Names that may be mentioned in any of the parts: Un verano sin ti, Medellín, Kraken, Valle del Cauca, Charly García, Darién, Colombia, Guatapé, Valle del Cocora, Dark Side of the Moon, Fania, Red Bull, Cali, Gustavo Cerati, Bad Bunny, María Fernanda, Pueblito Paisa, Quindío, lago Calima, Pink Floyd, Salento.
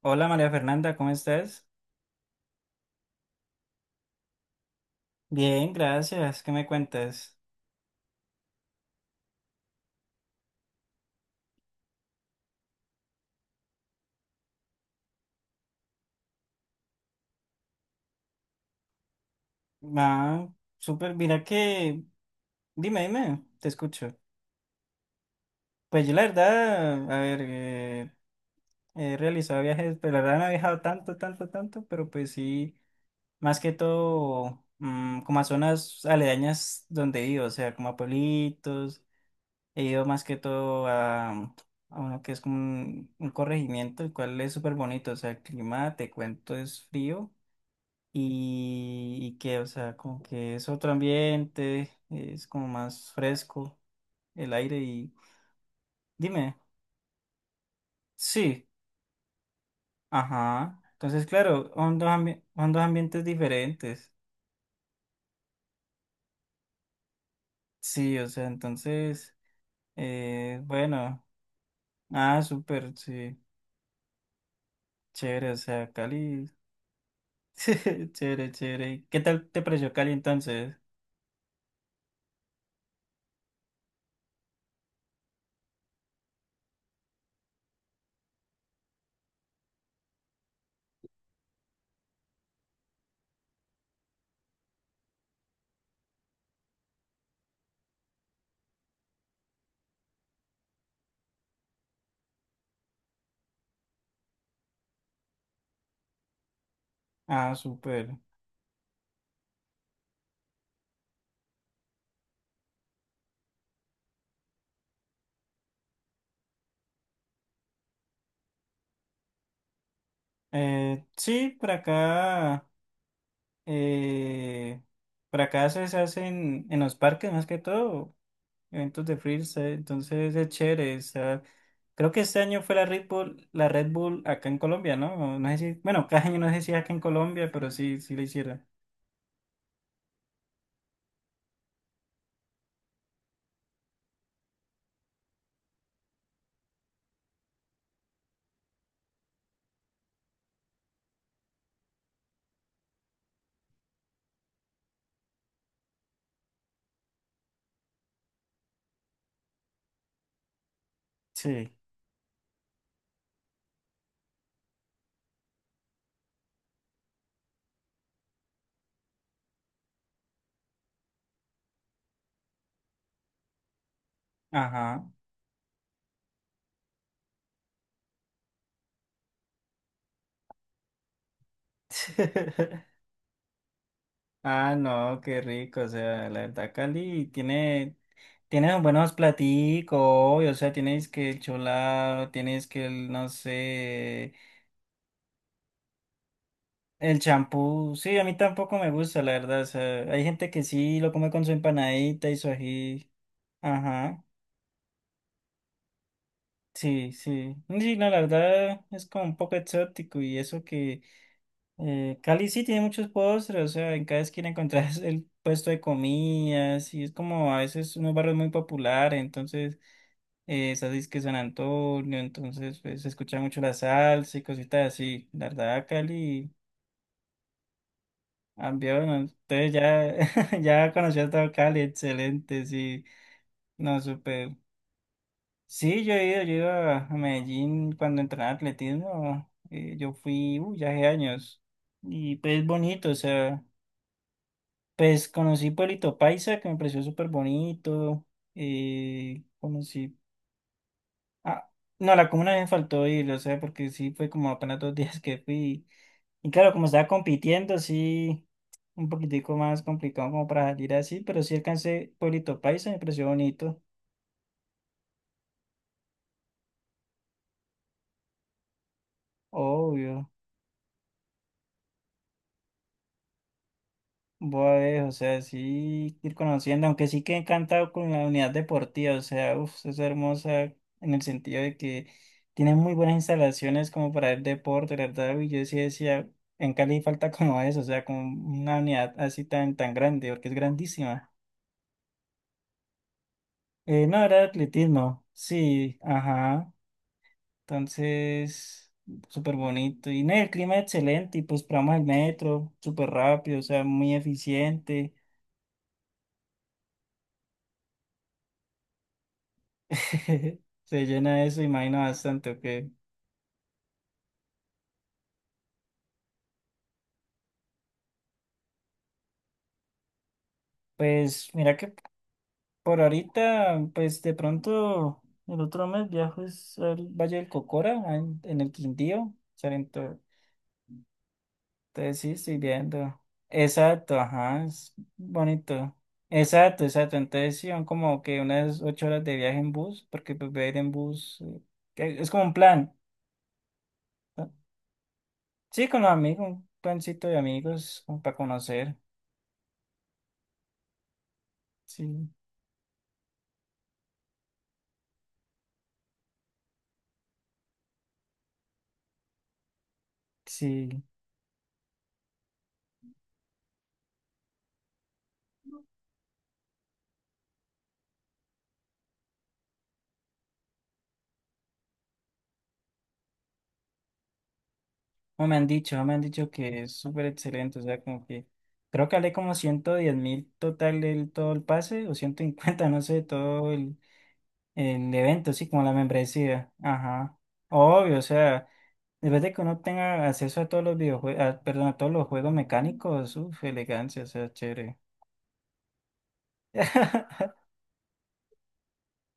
Hola María Fernanda, ¿cómo estás? Bien, gracias. ¿Qué me cuentas? Ah, súper. Mira que. Dime, dime, te escucho. Pues yo la verdad, a ver, he realizado viajes, pero la verdad no he viajado tanto, tanto, tanto, pero pues sí, más que todo como a zonas aledañas donde he ido, o sea, como a pueblitos, he ido más que todo a uno que es como un corregimiento, el cual es súper bonito, o sea, el clima, te cuento, es frío. Y que, o sea, como que es otro ambiente, es como más fresco el aire y. Dime, sí, ajá. Entonces, claro, son dos, son dos ambientes diferentes. Sí, o sea, entonces, bueno, ah, súper, sí, chévere, o sea, Cali, chévere, chévere. ¿Qué tal te pareció Cali entonces? Ah, súper. Sí, por acá. Eh, por acá se hacen en los parques más que todo, eventos de freestyle, entonces es chévere. Creo que este año fue la Red Bull acá en Colombia, ¿no? No sé si, bueno, cada año no sé si acá en Colombia, pero sí, sí la hicieron. Sí. Ajá. Ah, no, qué rico, o sea, la verdad, Cali tiene buenos platicos, obvio, o sea, tienes que el cholado, tienes que el, no sé. El champú, sí, a mí tampoco me gusta, la verdad. O sea, hay gente que sí lo come con su empanadita y su ají. Ajá, sí, sí. Sí, no, la verdad es como un poco exótico y eso que Cali sí tiene muchos postres, o sea, en cada esquina encontrás el puesto de comidas y es como a veces unos barrios muy populares, entonces esas es que San Antonio, entonces pues, se escucha mucho la salsa y cositas así. La verdad, Cali. Ambión, entonces ya, ya conocí a todo Cali, excelente, sí, no, súper. Sí, yo he ido a Medellín cuando entrenaba atletismo, yo fui, uy, ya hace años, y pues bonito, o sea, pues conocí Pueblito Paisa, que me pareció súper bonito, eh, conocí, ah, no, la comuna me faltó ir, o sea, porque sí, fue como apenas 2 días que fui, y claro, como estaba compitiendo, sí. Un poquitico más complicado como para salir así, pero sí alcancé Pueblito Paisa, me pareció bonito, obvio. Voy a ver, o sea, sí ir conociendo, aunque sí que encantado con la unidad deportiva, o sea, uff, es hermosa en el sentido de que tiene muy buenas instalaciones como para el deporte, la verdad, y yo sí decía, en Cali falta como eso, o sea, como una unidad así tan, tan grande, porque es grandísima. No, era atletismo, sí, ajá. Entonces, súper bonito. Y no, el clima es excelente. Y pues probamos el metro, súper rápido, o sea, muy eficiente. Se llena eso, imagino bastante, ok. Pues mira que por ahorita, pues de pronto el otro mes viajo es al Valle del Cocora, en el Quindío, Salento. Entonces sí, estoy viendo. Exacto, ajá, es bonito. Exacto, exacto. Entonces sí, son como que unas 8 horas de viaje en bus, porque pues voy a ir en bus. Que es como un plan, ¿no? Sí, con los amigos, un plancito de amigos, como para conocer. Sí, sí. No me han dicho que es súper excelente. O sea, como que creo que hablé como 110.000 total el, todo el pase, o 150 no sé, todo el evento, sí, como la membresía. Ajá. Obvio, o sea. Después de que uno tenga acceso a todos los videojuegos, perdón, a todos los juegos mecánicos, uff, elegancia, o sea, chévere.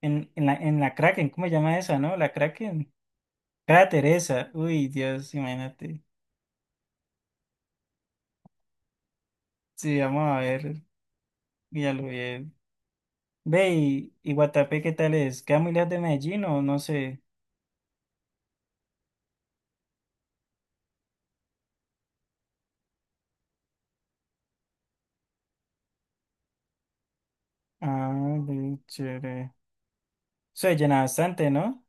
En la Kraken, ¿cómo se llama esa, no? La Kraken. Cráter esa. Uy, Dios, imagínate. Sí, vamos a ver. Ya lo vi. Ve, y Guatapé, ¿qué tal es? ¿Queda muy lejos de Medellín o no sé? Ah, ve, chévere. Se llena bastante, ¿no?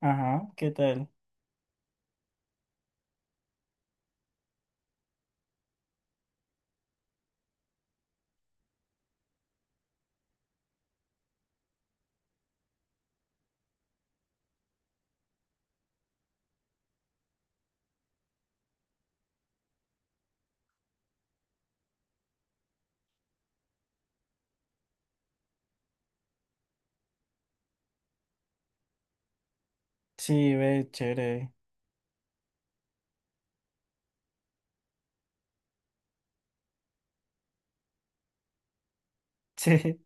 Ajá, ¿qué tal? Sí, ve, chévere. Sí.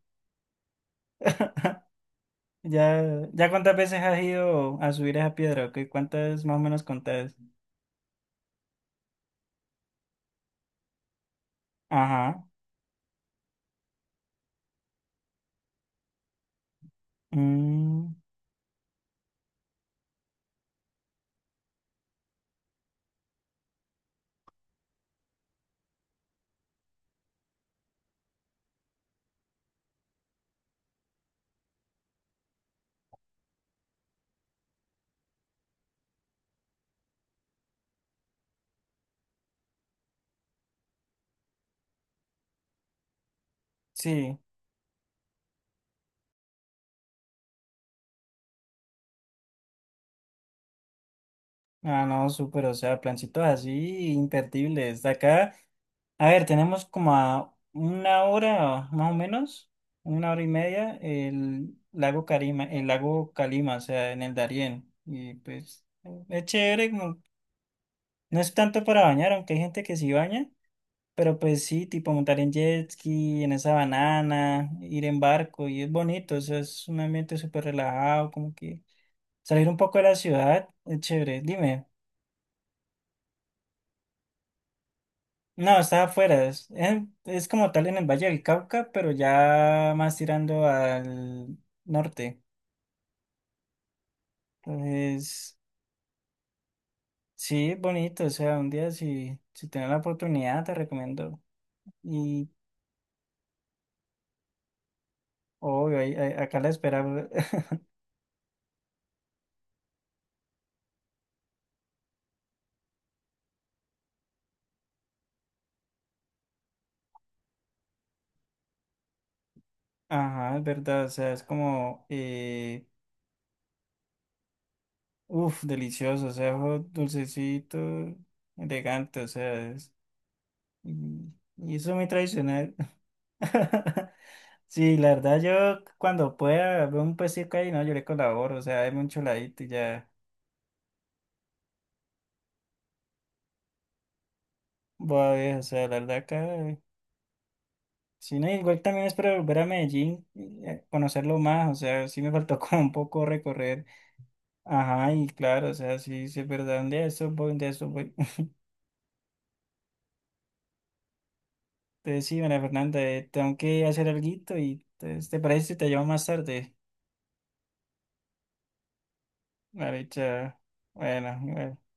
Ya, ya cuántas veces has ido a subir esa piedra, ¿ok? ¿Cuántas más o menos contás? Ajá. Mm, sí. Ah, no, súper, o sea, plancitos así, imperdibles. Acá, a ver, tenemos como a una hora, más o menos, una hora y media, el lago Carima, el lago Calima, o sea, en el Darién. Y pues, es chévere, como, no es tanto para bañar, aunque hay gente que sí baña. Pero pues sí, tipo montar en jet ski, en esa banana, ir en barco, y es bonito, eso es un ambiente súper relajado, como que salir un poco de la ciudad, es chévere. Dime, no, está afuera, es, es como tal en el Valle del Cauca, pero ya más tirando al norte. Entonces, sí, es bonito, o sea, un día si tienes la oportunidad, te recomiendo. Y obvio, acá la espera. Ajá, es verdad, o sea, es como uf, delicioso, o sea, algo dulcecito, elegante, o sea, y, eso es muy tradicional. Sí, la verdad yo cuando pueda veo un puestico ahí, no, yo le colaboro, o sea, hay un choladito y ya voy a ver, o sea, la verdad acá, sí, no, igual también es para volver a Medellín, y, conocerlo más, o sea, sí me faltó como un poco recorrer, ajá, y claro, o sea, sí, sí es verdad, un día de estos voy, un día de estos voy. Entonces, sí, María Fernanda, tengo que hacer alguito y entonces, ¿te parece si te llamo más tarde? Vale, chao. Bueno, bueno.